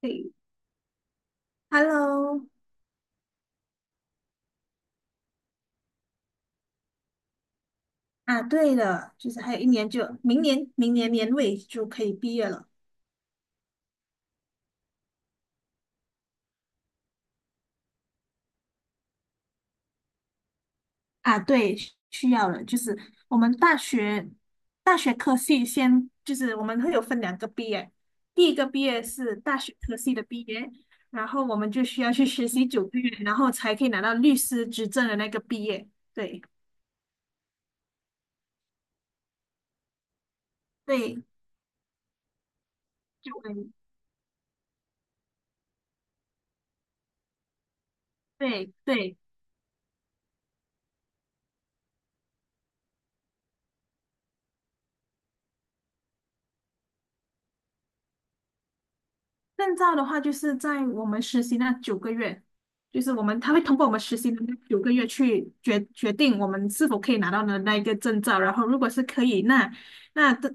对，Hello，啊，对了，就是还有一年就明年年尾就可以毕业了啊。对，需要了，就是我们大学科系先就是我们会有分两个毕业，第一个毕业是大学科系的毕业，然后我们就需要去实习九个月，然后才可以拿到律师执证的那个毕业。对，对，就对对对。证照的话，就是在我们实习那九个月，就是我们他会通过我们实习的那九个月去决定我们是否可以拿到的那一个证照。然后，如果是可以，那那的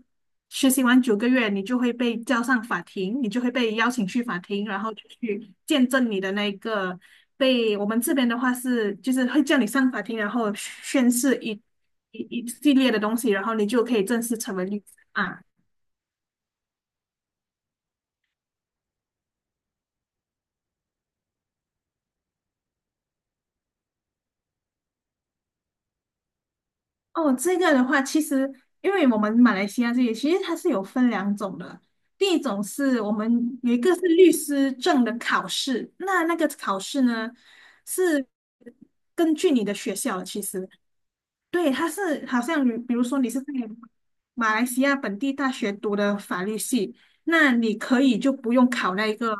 实习完九个月，你就会被叫上法庭，你就会被邀请去法庭，然后就去见证你的那一个被我们这边的话是就是会叫你上法庭，然后宣誓一系列的东西，然后你就可以正式成为律师啊。哦，这个的话，其实因为我们马来西亚这里其实它是有分两种的，第一种是我们有一个是律师证的考试，那个考试呢是根据你的学校的其实，对，他是好像你比如说你是在马来西亚本地大学读的法律系，那你可以就不用考那一个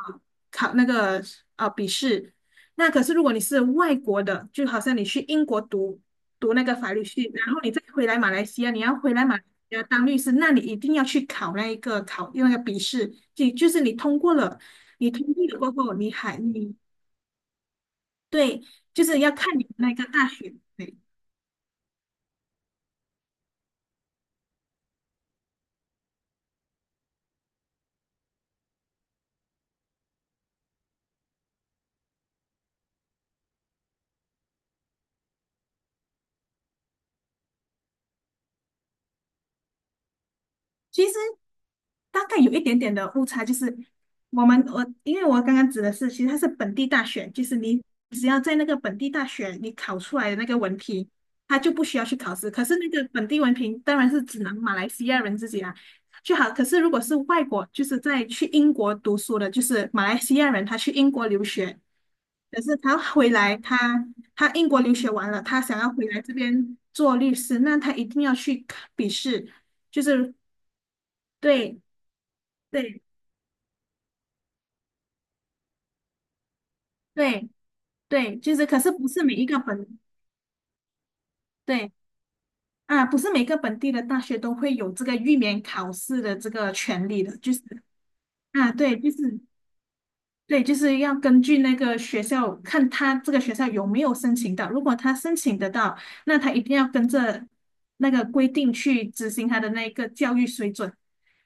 考那个呃笔试。那可是如果你是外国的，就好像你去英国读那个法律系，然后你再回来马来西亚，你要回来马来西亚当律师，那你一定要去考那个笔试，就是你通过了，你通过了过后，你还你对，就是要看你那个大学。对其实大概有一点点的误差，就是我们我因为我刚刚指的是，其实它是本地大学，就是你只要在那个本地大学你考出来的那个文凭，他就不需要去考试。可是那个本地文凭当然是只能马来西亚人自己啦，就好。可是如果是外国，就是在去英国读书的，就是马来西亚人，他去英国留学，可是他回来，他英国留学完了，他想要回来这边做律师，那他一定要去考笔试。就是对，对对对，就是可是不是每一个本对啊，不是每个本地的大学都会有这个预免考试的这个权利的，就是啊，对，就是对，就是要根据那个学校，看他这个学校有没有申请到。如果他申请得到，那他一定要跟着那个规定去执行他的那个教育水准，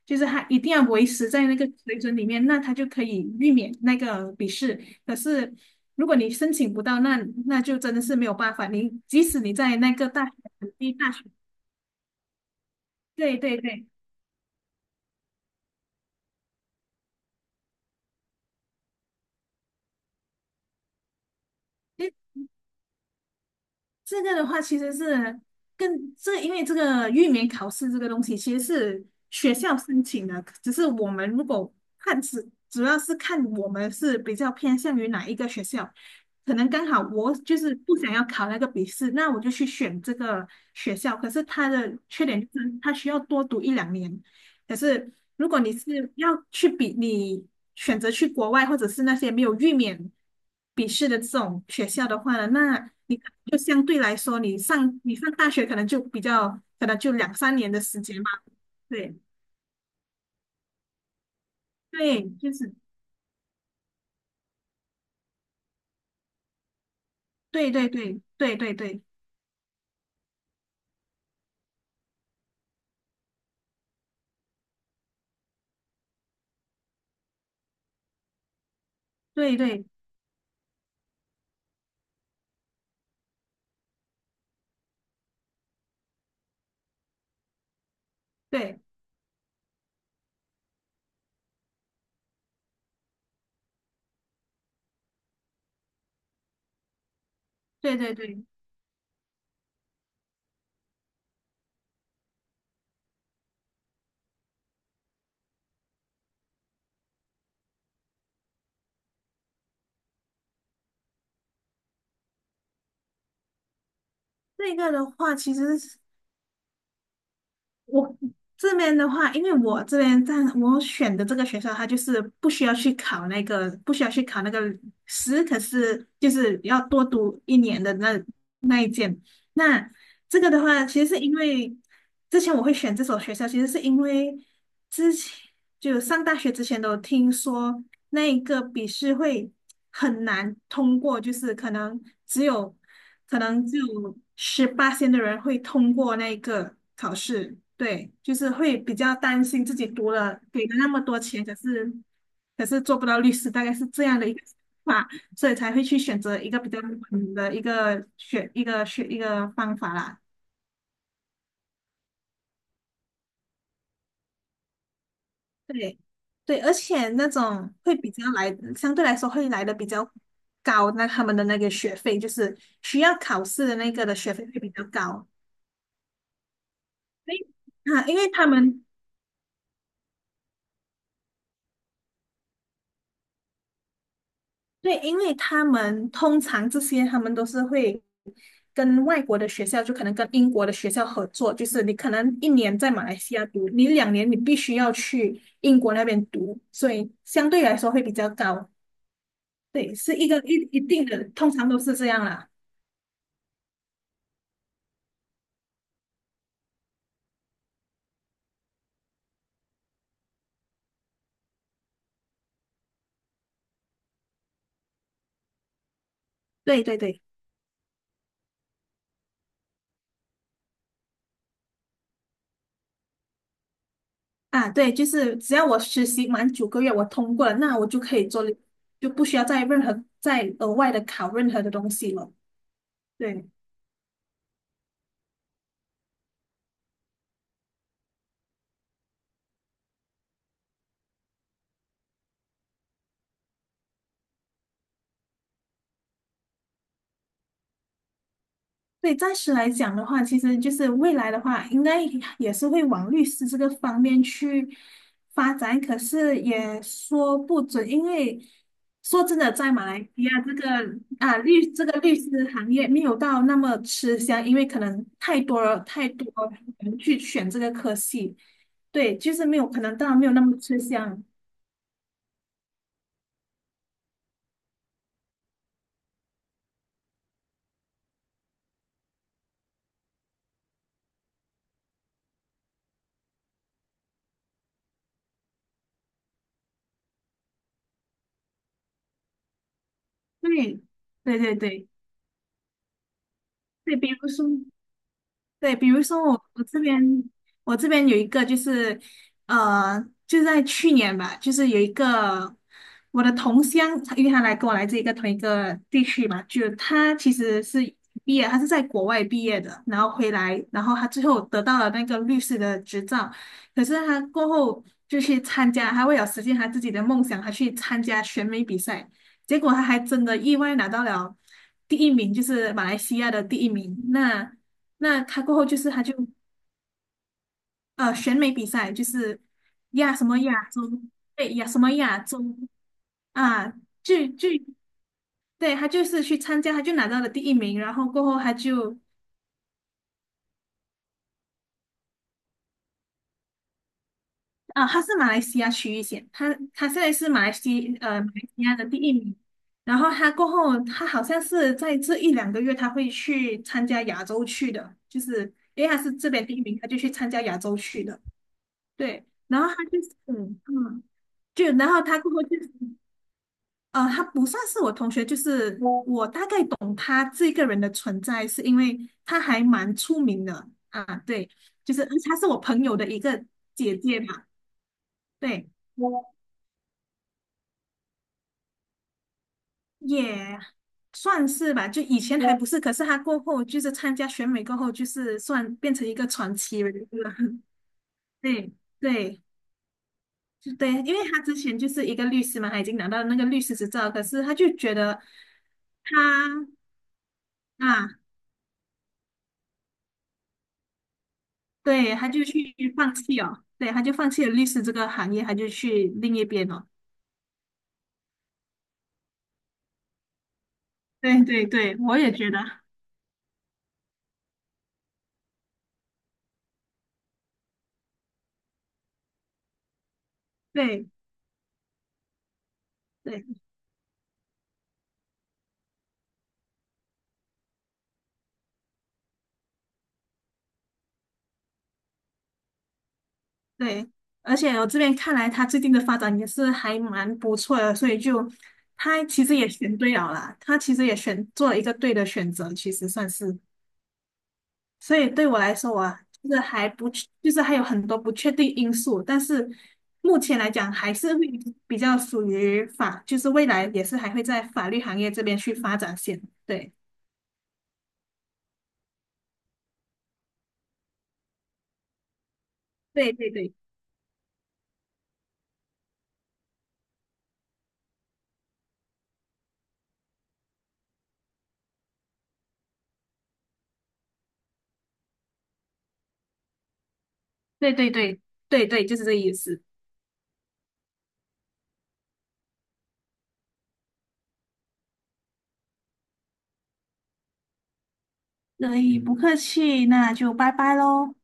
就是他一定要维持在那个水准里面，那他就可以避免那个笔试。可是如果你申请不到，那就真的是没有办法。你即使你在那个大学，本地大学，对对对。这个的话其实是因为这个域名考试这个东西其实是学校申请的，只是我们如果看是主要是看我们是比较偏向于哪一个学校，可能刚好我就是不想要考那个笔试，那我就去选这个学校。可是它的缺点就是它需要多读一两年，可是如果你是要你选择去国外或者是那些没有预免笔试的这种学校的话呢，那你可能就相对来说，你上大学可能就比较，可能就两三年的时间嘛。对对，就是对对对对对对对对对对对对，这个的话其实我这边的话，因为我这边在我选的这个学校，它就是不需要去考那个，可是就是要多读一年的那一件。那这个的话，其实是因为之前我会选这所学校，其实是因为之前就上大学之前都听说。那一个笔试会很难通过，就是可能只有十八线的人会通过那个考试，对，就是会比较担心自己读了给了那么多钱，可是做不到律师，大概是这样的一个想法，所以才会去选择一个比较冷的一个选一个选一个方法啦。对，对，而且那种会比较来，相对来说会来的比较高，那他们的那个学费就是需要考试的那个的学费会比较高。所以啊，因为他们对，因为他们通常这些他们都是会跟外国的学校，就可能跟英国的学校合作，就是你可能一年在马来西亚读，你两年你必须要去英国那边读，所以相对来说会比较高。对，是一个一定的，通常都是这样啦。对对对。啊，对，就是只要我实习满九个月，我通过了，那我就可以做，就不需要再任何再额外的考任何的东西了。对，对，暂时来讲的话，其实就是未来的话，应该也是会往律师这个方面去发展，可是也说不准，因为说真的，在马来西亚这个啊律这个律师行业没有到那么吃香，因为可能太多人去选这个科系，对，就是没有可能当然没有那么吃香，对，对对对对，比如说。对，比如说我这边有一个就是，呃，就在去年吧，就是有一个我的同乡，因为他来跟我来自同一个地区嘛，就他其实是毕业，他是在国外毕业的，然后回来，然后他最后得到了那个律师的执照，可是他过后就去参加，他为了实现他自己的梦想，他去参加选美比赛，结果他还真的意外拿到了第一名，就是马来西亚的第一名，那。那他过后就是他就选美比赛，就是亚什么亚洲，对亚什么亚洲啊，就就对他就是去参加，他就拿到了第一名，然后过后他就他是马来西亚区域选，他现在是马来西亚的第一名，然后他过后他好像是在这一两个月他会去参加亚洲区的，就是因为他是这边第一名，他就去参加亚洲区的，对，然后他就是嗯。就然后他过后就呃，他不算是我同学，就是我大概懂他这个人的存在，是因为他还蛮出名的啊。对，就是他是我朋友的一个姐姐嘛，对，也算是吧。就以前还不是，可是他过后就是参加选美过后，就是算变成一个传奇人物了。对对，就对，因为他之前就是一个律师嘛，他已经拿到那个律师执照，可是他就觉得他。啊，对，他就去放弃哦，对，他就放弃了律师这个行业，他就去另一边了。对对对，我也觉得，对对对，而且我这边看来，他最近的发展也是还蛮不错的，所以就他其实也选对了啦，他其实也选做了一个对的选择，其实算是。所以对我来说啊，我就是还不确就是还有很多不确定因素，但是目前来讲还是会比较属于法，就是未来也是还会在法律行业这边去发展线。对，对对对对对对对对，就是这意思。对，不客气，那就拜拜喽。